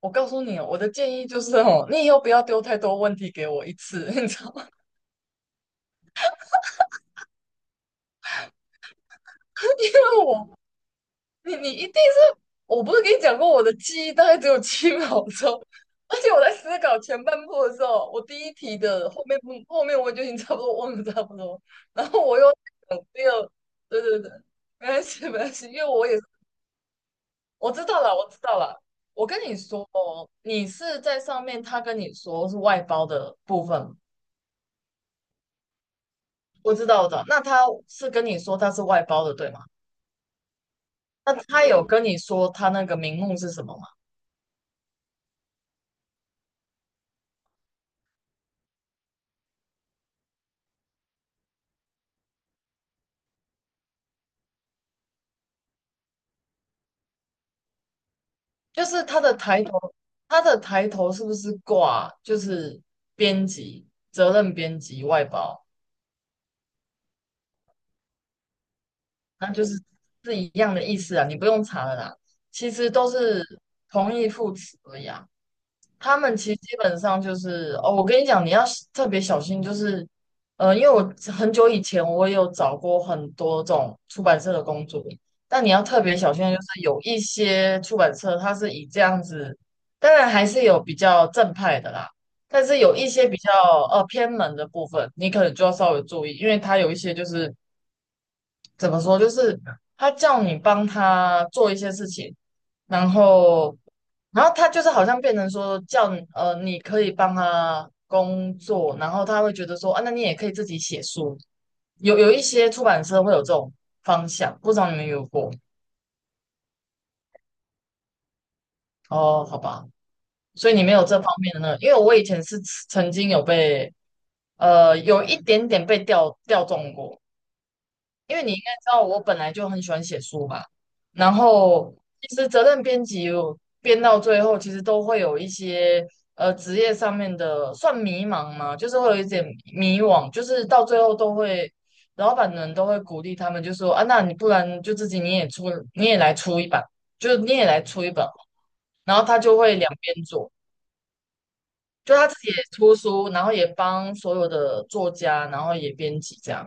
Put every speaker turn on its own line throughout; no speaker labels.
我告诉你哦，我的建议就是哦，你以后不要丢太多问题给我一次，你知道吗？因为我，你一定是，我不是跟你讲过我的记忆大概只有7秒钟，而且我在思考前半部的时候，我第一题的后面我就已经差不多忘了差不多，然后我又在想第二，对对对，没关系没关系，因为我也我知道了我知道了，我跟你说哦，你是在上面他跟你说是外包的部分我知道，的，那他是跟你说他是外包的，对吗？那他有跟你说他那个名目是什么吗？就是他的抬头，他的抬头是不是挂就是编辑、责任编辑、外包？那就是一样的意思啊，你不用查了啦。其实都是同义副词而已啊。他们其实基本上就是哦，我跟你讲，你要特别小心，就是因为我很久以前我也有找过很多这种出版社的工作，但你要特别小心，就是有一些出版社它是以这样子，当然还是有比较正派的啦，但是有一些比较偏门的部分，你可能就要稍微注意，因为它有一些就是怎么说，就是他叫你帮他做一些事情，然后，然后他就是好像变成说叫你你可以帮他工作，然后他会觉得说啊，那你也可以自己写书。有一些出版社会有这种方向，不知道你们有过哦？好吧，所以你没有这方面的那个，因为我以前是曾经有被有一点点被调中过，因为你应该知道，我本来就很喜欢写书吧。然后，其实责任编辑我编到最后，其实都会有一些职业上面的算迷茫嘛，就是会有一点迷惘，就是到最后都会，老板们都会鼓励他们，就说啊，那你不然就自己你也出，你也来出一本，就是你也来出一本。然后他就会两边做，就他自己也出书，然后也帮所有的作家，然后也编辑这样。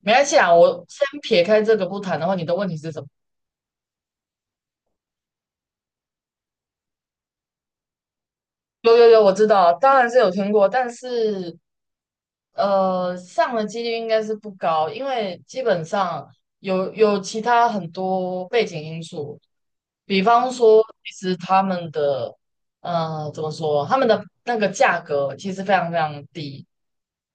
没关系啊，我先撇开这个不谈的话，你的问题是什么？有有有，我知道啊，当然是有听过，但是上的几率应该是不高，因为基本上有其他很多背景因素，比方说，其实他们的怎么说，他们的那个价格其实非常非常低，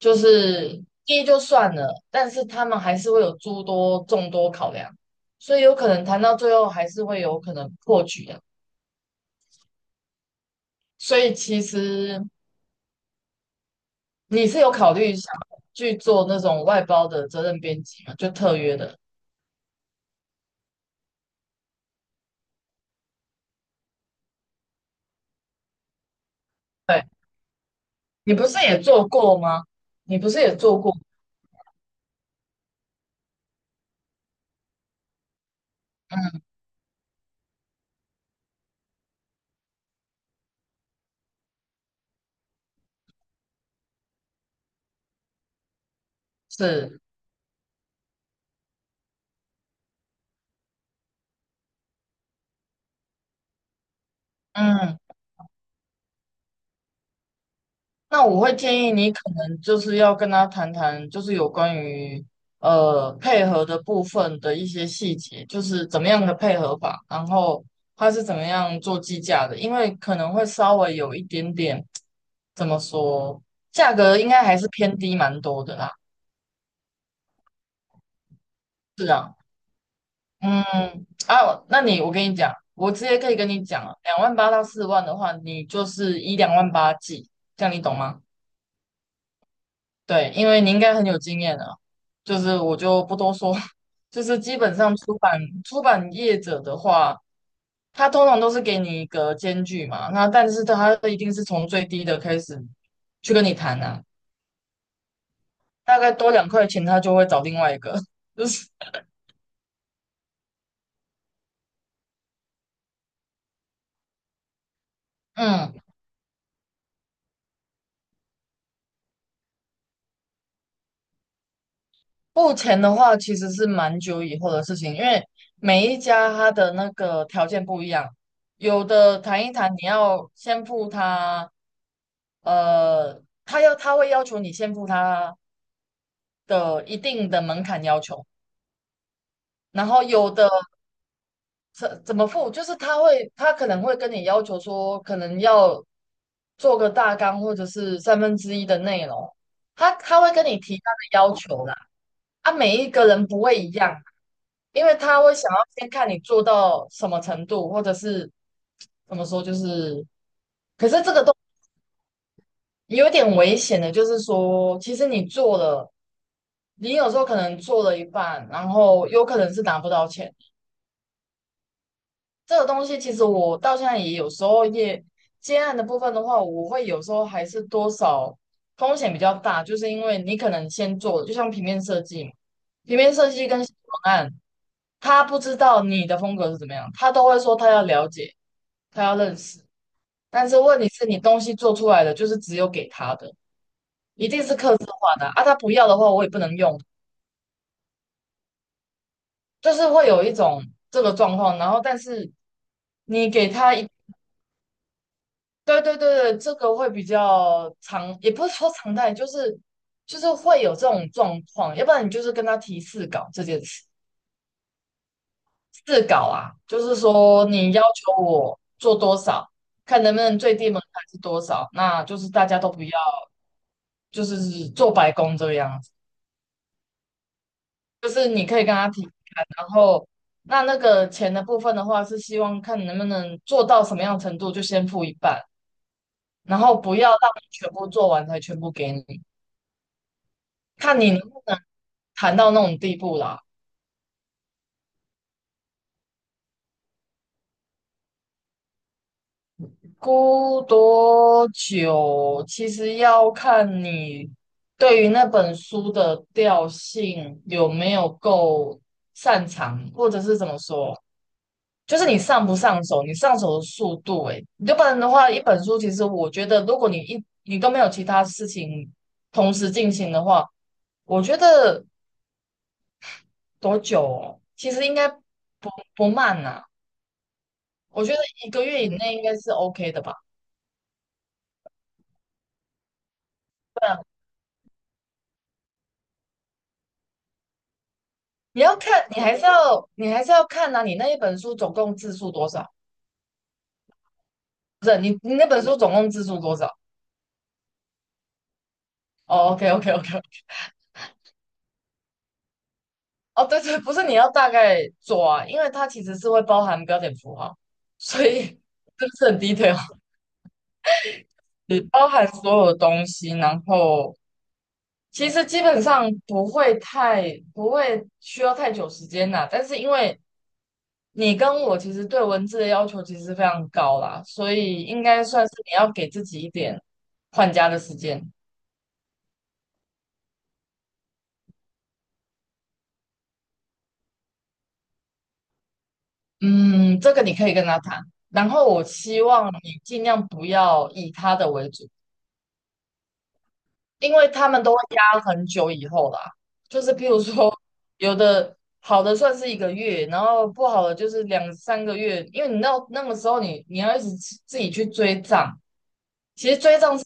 就是低就算了，但是他们还是会有诸多众多考量，所以有可能谈到最后还是会有可能破局的。所以其实你是有考虑想去做那种外包的责任编辑吗？就特约的，对，你不是也做过吗？你不是也做过？嗯，是，嗯，那我会建议你可能就是要跟他谈谈，就是有关于配合的部分的一些细节，就是怎么样的配合法，然后他是怎么样做计价的，因为可能会稍微有一点点，怎么说，价格应该还是偏低蛮多的啦。是啊，嗯，啊，我跟你讲，我直接可以跟你讲了，2万8到4万的话，你就是以两万八计，这样你懂吗？对，因为你应该很有经验了，就是我就不多说，就是基本上出版业者的话，他通常都是给你一个间距嘛，那但是他一定是从最低的开始去跟你谈啊，大概多2块钱，他就会找另外一个，就是嗯。付钱的话，其实是蛮久以后的事情，因为每一家他的那个条件不一样，有的谈一谈，你要先付他，他会要求你先付他的一定的门槛要求，然后有的怎么付，就是他可能会跟你要求说，可能要做个大纲或者是1/3的内容，他会跟你提他的要求啦，啊，每一个人不会一样。因为他会想要先看你做到什么程度，或者是怎么说，就是可是这个都有点危险的，就是说，其实你做了，你有时候可能做了一半，然后有可能是拿不到钱。这个东西其实我到现在也有时候也接案的部分的话，我会有时候还是多少风险比较大，就是因为你可能先做了，就像平面设计嘛，平面设计跟文案，他不知道你的风格是怎么样，他都会说他要了解。他要认识。但是问题是你东西做出来的就是只有给他的，一定是客制化的啊，啊他不要的话我也不能用，就是会有一种这个状况。然后但是你给他一，对对对对，这个会比较常，也不是说常态，就是会有这种状况。要不然你就是跟他提试稿这件事，试稿啊，就是说你要求我做多少。看能不能最低门槛是多少，那就是大家都不要，就是做白工这个样。子。就是你可以跟他提提看，然后那个钱的部分的话，是希望看你能不能做到什么样程度，就先付一半，然后不要让你全部做完才全部给你，看你能不能谈到那种地步啦。估多久，其实要看你对于那本书的调性有没有够擅长，或者是怎么说。就是你上不上手，你上手的速度、欸，诶，你要不然的话，一本书其实我觉得，如果你都没有其他事情同时进行的话，我觉得多久哦？其实应该不慢呐、我觉得一个月以内应该是 OK 的吧。对啊，你要看，你还是要看呐、你那一本书总共字数多少？不是你那本书总共字数多少？哦，OK OK OK 哦，对对，不是你要大概做啊，因为它其实是会包含标点符号，所以 是不是很 detail？你包含所有东西，然后其实基本上不会需要太久时间啦。但是因为你跟我其实对文字的要求其实非常高啦，所以应该算是你要给自己一点换家的时间。嗯，这个你可以跟他谈。然后我希望你尽量不要以他的为主。因为他们都会压很久以后啦，就是譬如说，有的好的算是一个月，然后不好的就是2、3个月，因为你到那个时候你要一直自己去追账，其实追账是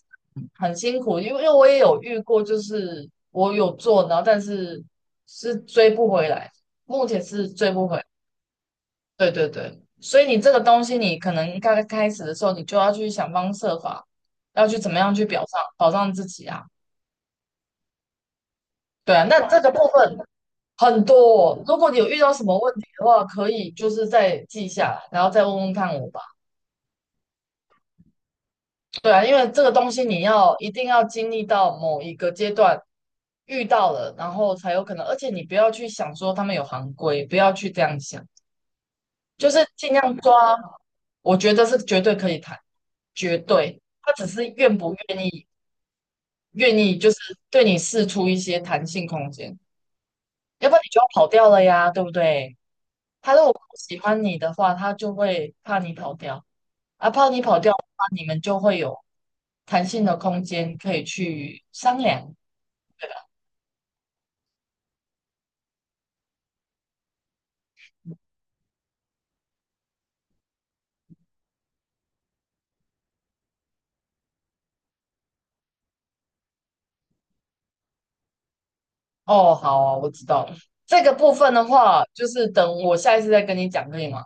很辛苦，因为我也有遇过，就是我有做，然后但是追不回来，目前是追不回来对对对，所以你这个东西你可能刚开始的时候，你就要去想方设法，要去怎么样去表上保障自己啊。对啊，那这个部分很多哦，如果你有遇到什么问题的话，可以就是再记下来，然后再问问看我吧。对啊，因为这个东西你要一定要经历到某一个阶段遇到了，然后才有可能。而且你不要去想说他们有行规，不要去这样想，就是尽量抓。我觉得是绝对可以谈，绝对。他只是愿不愿意，愿意就是对你释出一些弹性空间，要不然你就要跑掉了呀，对不对？他如果不喜欢你的话，他就会怕你跑掉，啊，怕你跑掉的话，你们就会有弹性的空间可以去商量。对哦，好啊我知道了。这个部分的话，就是等我下一次再跟你讲，可以吗？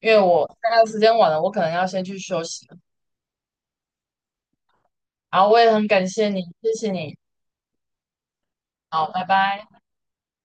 因为我现在时间晚了，我可能要先去休息了。好，我也很感谢你，谢谢你。好，拜拜。